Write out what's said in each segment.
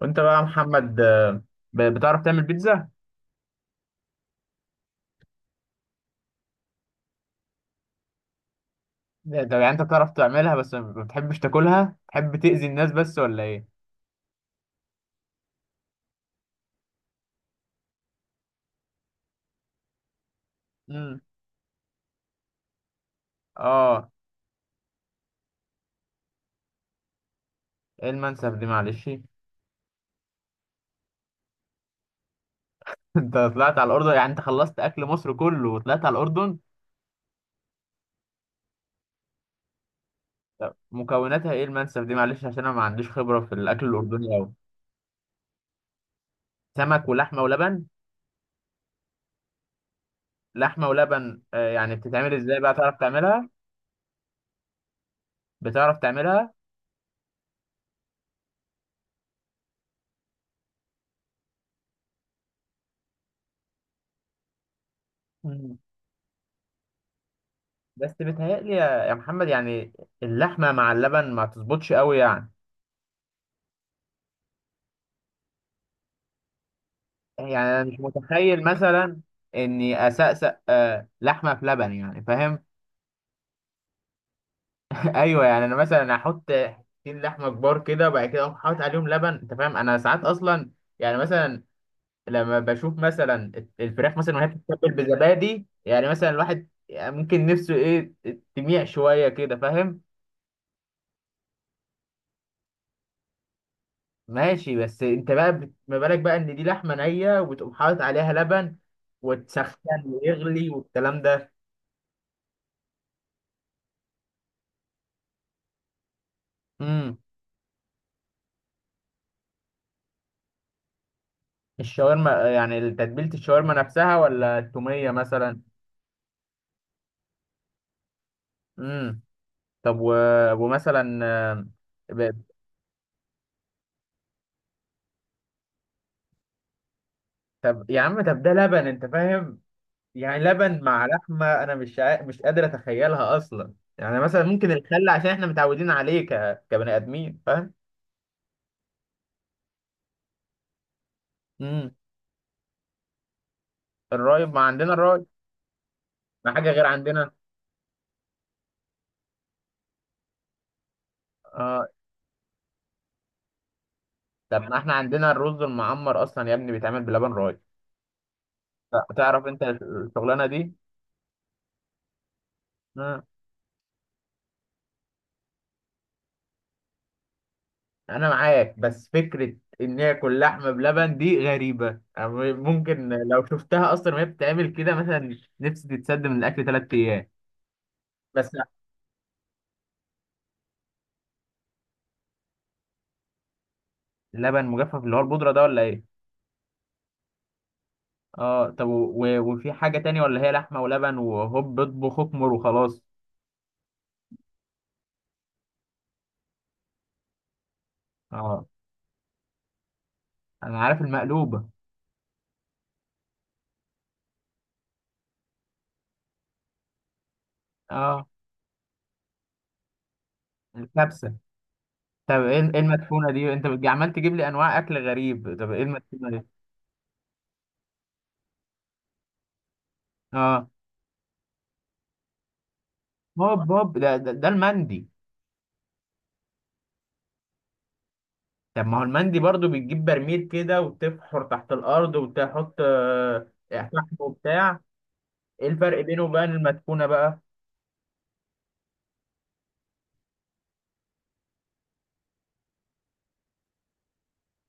وانت بقى يا محمد، بتعرف تعمل بيتزا؟ ده يعني انت بتعرف تعملها بس ما بتحبش تاكلها؟ بتحب تأذي الناس بس ولا ايه؟ امم. اه. ايه المنسف دي معلش. انت طلعت على الأردن، يعني انت خلصت أكل مصر كله وطلعت على الأردن. طب مكوناتها ايه المنسف دي معلش، عشان انا ما عنديش خبرة في الأكل الأردني أوي. سمك ولحمة ولبن؟ لحمة ولبن، يعني بتتعمل ازاي بقى، تعرف تعملها؟ بتعرف تعملها؟ امم. بس بيتهيألي يا محمد، يعني اللحمة مع اللبن ما تظبطش أوي يعني. يعني انا مش متخيل مثلا اني اسقسق لحمه في لبن، يعني فاهم. ايوه، يعني انا مثلا احط حتتين لحمه كبار كده وبعد كده اقوم حاطط عليهم لبن انت فاهم. انا ساعات اصلا يعني مثلا لما بشوف مثلا الفراخ مثلا وهي بتتبل بزبادي، يعني مثلا الواحد يعني ممكن نفسه ايه تميع شويه كده فاهم. ماشي، بس انت بقى ما بالك بقى ان دي لحمه نيه وبتقوم حاطط عليها لبن وتسخن ويغلي والكلام ده. الشاورما يعني تتبيلة الشاورما نفسها ولا التومية مثلا؟ امم. طب و... ومثلا ب... طب يا عم، طب ده لبن انت فاهم. يعني لبن مع لحمة انا مش قادر اتخيلها اصلا. يعني مثلا ممكن الخل عشان احنا متعودين عليه كبني ادمين فاهم. امم. الرايب، ما عندنا الرايب. ما حاجة غير عندنا. اه. طب ما احنا عندنا الرز المعمر اصلا يا ابني بيتعمل بلبن رايب. تعرف انت الشغلانة دي؟ انا معاك، بس فكره ان هي كل لحمه بلبن دي غريبه. أنا ممكن لو شفتها اصلا وهي بتتعمل كده مثلا نفسي تتسد من الاكل 3 ايام. بس لا. لبن مجفف اللي هو البودره ده ولا ايه؟ اه. طب وفي حاجه تانية ولا هي لحمه ولبن وهوب اطبخ اكمر وخلاص؟ اه. انا عارف المقلوبه. اه. الكبسه. طب ايه المدفونه دي انت عمال تجيب لي انواع اكل غريب، طب ايه المدفونه دي؟ اه، هوب هوب، ده المندي. طب ما هو المندي برضو بتجيب برميل كده وتفحر تحت الأرض وتحط فحم وبتاع. ايه الفرق بينه وبين المدفونة بقى؟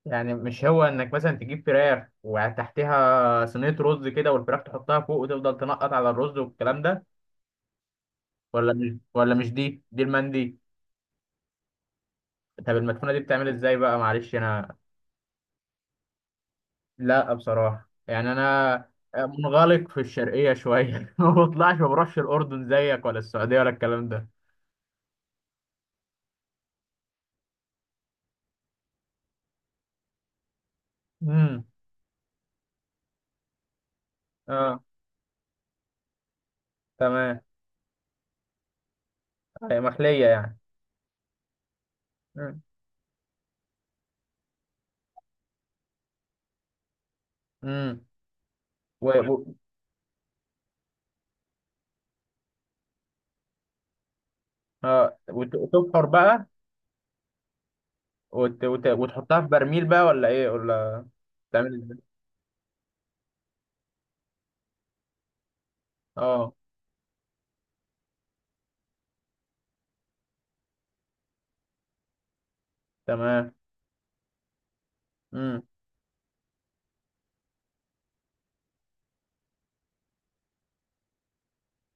يعني مش هو انك مثلا تجيب فراخ وتحتها صينية رز كده والفراخ تحطها فوق وتفضل تنقط على الرز والكلام ده؟ ولا مش دي المندي. طب المدفونة دي بتعمل ازاي بقى معلش انا. لا بصراحة يعني انا منغلق في الشرقية شوية ما بطلعش ما بروحش الأردن زيك ولا السعودية ولا الكلام ده. امم. اه. تمام. هي محلية يعني. مم. مم. و... و... اه، وتبحر بقى. وت... وت... وتحطها في برميل بقى ولا ايه، ولا تعمل ازاي؟ اه. تمام. امم.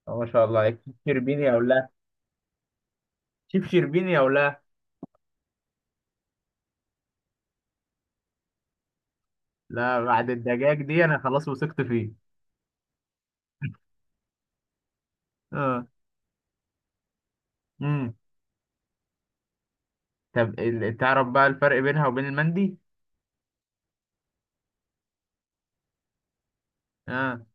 ما شاء الله عليك شيف شربيني او لا؟ شيف شربيني او لا؟ لا بعد الدجاج دي انا خلاص وثقت فيه. اه. امم. طب تعرف بقى الفرق بينها وبين المندي؟ اه.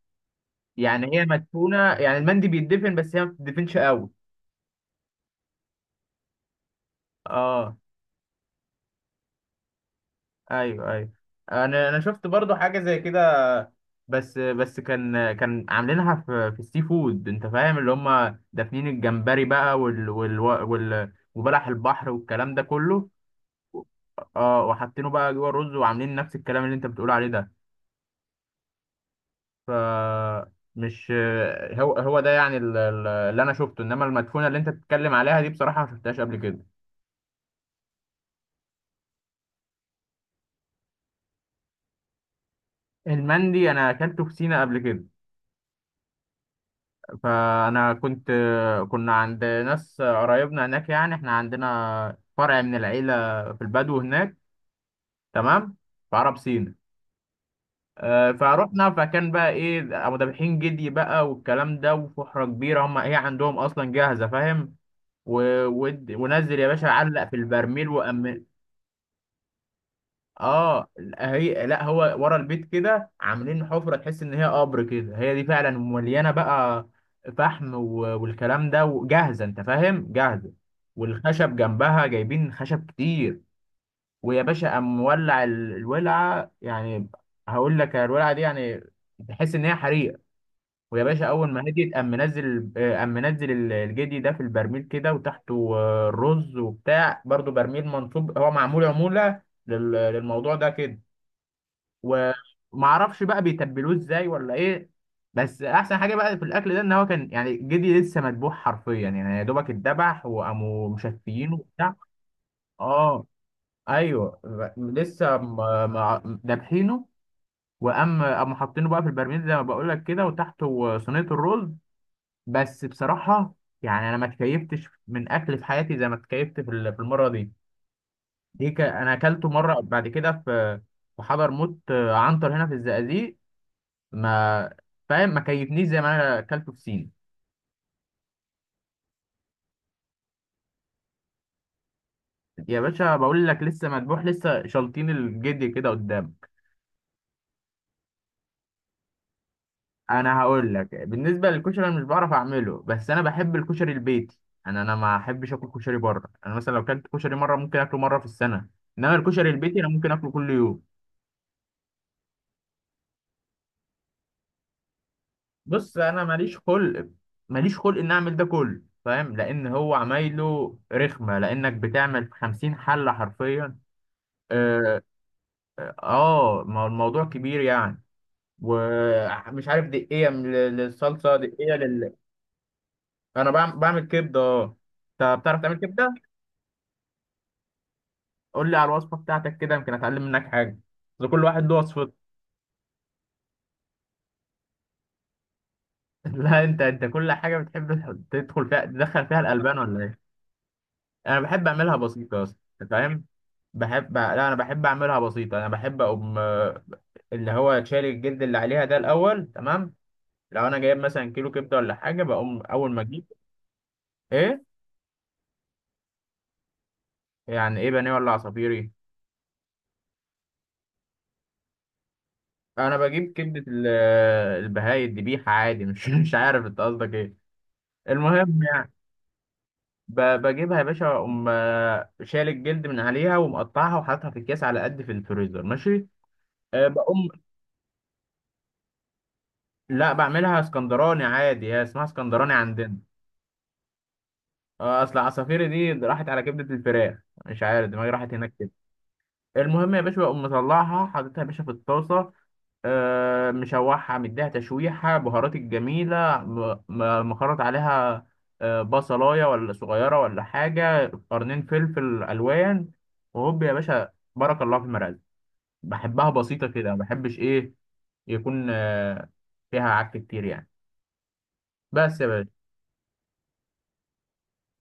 يعني هي مدفونة، يعني المندي بيتدفن بس هي ما بتدفنش قوي. اه. ايوه، ايوه. انا شفت برضو حاجه زي كده، بس كان عاملينها في السي فود انت فاهم، اللي هم دافنين الجمبري بقى وال وال وال وبلح البحر والكلام ده كله. اه، وحاطينه بقى جوه الرز وعاملين نفس الكلام اللي انت بتقول عليه ده. ف مش هو ده يعني اللي انا شفته، انما المدفونه اللي انت بتتكلم عليها دي بصراحه ما شفتهاش قبل كده. المندي انا اكلته في سينا قبل كده. فانا كنت كنا عند ناس قرايبنا هناك، يعني احنا عندنا فرع من العيله في البدو هناك تمام، في عرب سينا. فروحنا، فكان بقى ايه، ابو دبحين جدي بقى والكلام ده، وفحره كبيره، هي عندهم اصلا جاهزه فاهم. ونزل يا باشا علق في البرميل اه. هي لا هو ورا البيت كده عاملين حفره تحس ان هي قبر كده، هي دي فعلا مليانه بقى فحم والكلام ده، وجاهزه انت فاهم جاهزه، والخشب جنبها جايبين خشب كتير. ويا باشا قام مولع الولعه يعني. هقول لك الولعه دي يعني تحس ان هي حريقه. ويا باشا اول ما هديت قام منزل آه، قام منزل الجدي ده في البرميل كده، وتحته رز وبتاع برضو برميل منصوب هو معمول عموله للموضوع ده كده. ومعرفش بقى بيتبلوه ازاي ولا ايه. بس احسن حاجه بقى في الاكل ده ان هو كان يعني جدي لسه مذبوح حرفيا، يعني يا دوبك اتذبح وقاموا مشفيينه وبتاع. اه. ايوه لسه دابحينه. قاموا حاطينه بقى في البرميل زي ما بقول لك كده، وتحته صينيه الرز. بس بصراحه يعني انا ما اتكيفتش من اكل في حياتي زي ما اتكيفت في المره دي. دي انا اكلته مره بعد كده في حضرموت عنتر هنا في الزقازيق. ما فاهم، ما كيفنيش زي ما انا اكلته في سين. يا باشا بقول لك لسه مدبوح، لسه شالطين الجدي كده قدام. انا هقول لك بالنسبه للكشري، انا مش بعرف اعمله، بس انا بحب الكشري البيتي. انا ما احبش اكل كشري بره، انا مثلا لو اكلت كشري مره ممكن اكله مره في السنه. انما الكشري البيتي انا ممكن اكله كل يوم. بص انا ماليش خلق، ماليش خلق ان اعمل ده كله فاهم، لان هو عمايله رخمه، لانك بتعمل 50 حله حرفيا. اه. ما هو الموضوع كبير يعني. ومش عارف دقيقة للصلصة دقيقة لل... أنا بعمل كبدة أه. أنت بتعرف تعمل كبدة؟ قول لي على الوصفة بتاعتك كده يمكن أتعلم منك حاجة، بس كل واحد له وصفته. لا أنت، كل حاجة بتحب تدخل فيها الألبان ولا إيه؟ أنا بحب أعملها بسيطة أصلا أنت فاهم؟ بحب لا أنا بحب أعملها بسيطة. أنا بحب أقوم اللي هو شاري الجلد اللي عليها ده الأول تمام؟ لو أنا جايب مثلا كيلو كبدة ولا حاجة بقوم أول ما أجيب. إيه؟ يعني إيه بانيه ولا عصافيري؟ انا بجيب كبده البهاية الذبيحه عادي، مش مش عارف انت قصدك ايه. المهم يعني بجيبها يا باشا اقوم شايل الجلد من عليها ومقطعها وحاططها في الكيس على قد في الفريزر ماشي. أه بقوم، لا بعملها اسكندراني عادي، هي اسمها اسكندراني عندنا. اصل عصافيري دي راحت على كبده الفراخ، مش عارف دماغي راحت هناك. المهم يا باشا بقوم مطلعها حاططها يا باشا في الطاسة، مشوحها مديها تشويحة بهارات الجميلة، مخرط عليها بصلاية ولا صغيرة ولا حاجة، قرنين فلفل ألوان، وهوب يا باشا بارك الله في المرقة. بحبها بسيطة كده، ما بحبش إيه يكون فيها عك كتير يعني. بس يا باشا،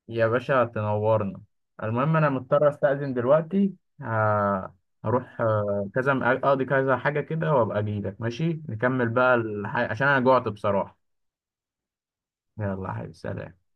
يا باشا تنورنا. المهم انا مضطر استأذن دلوقتي. ه- هروح كذا اقضي كذا حاجة كده، وابقى اجيلك ماشي نكمل بقى عشان انا جوعت بصراحة. يلا يا حبيبي، سلام.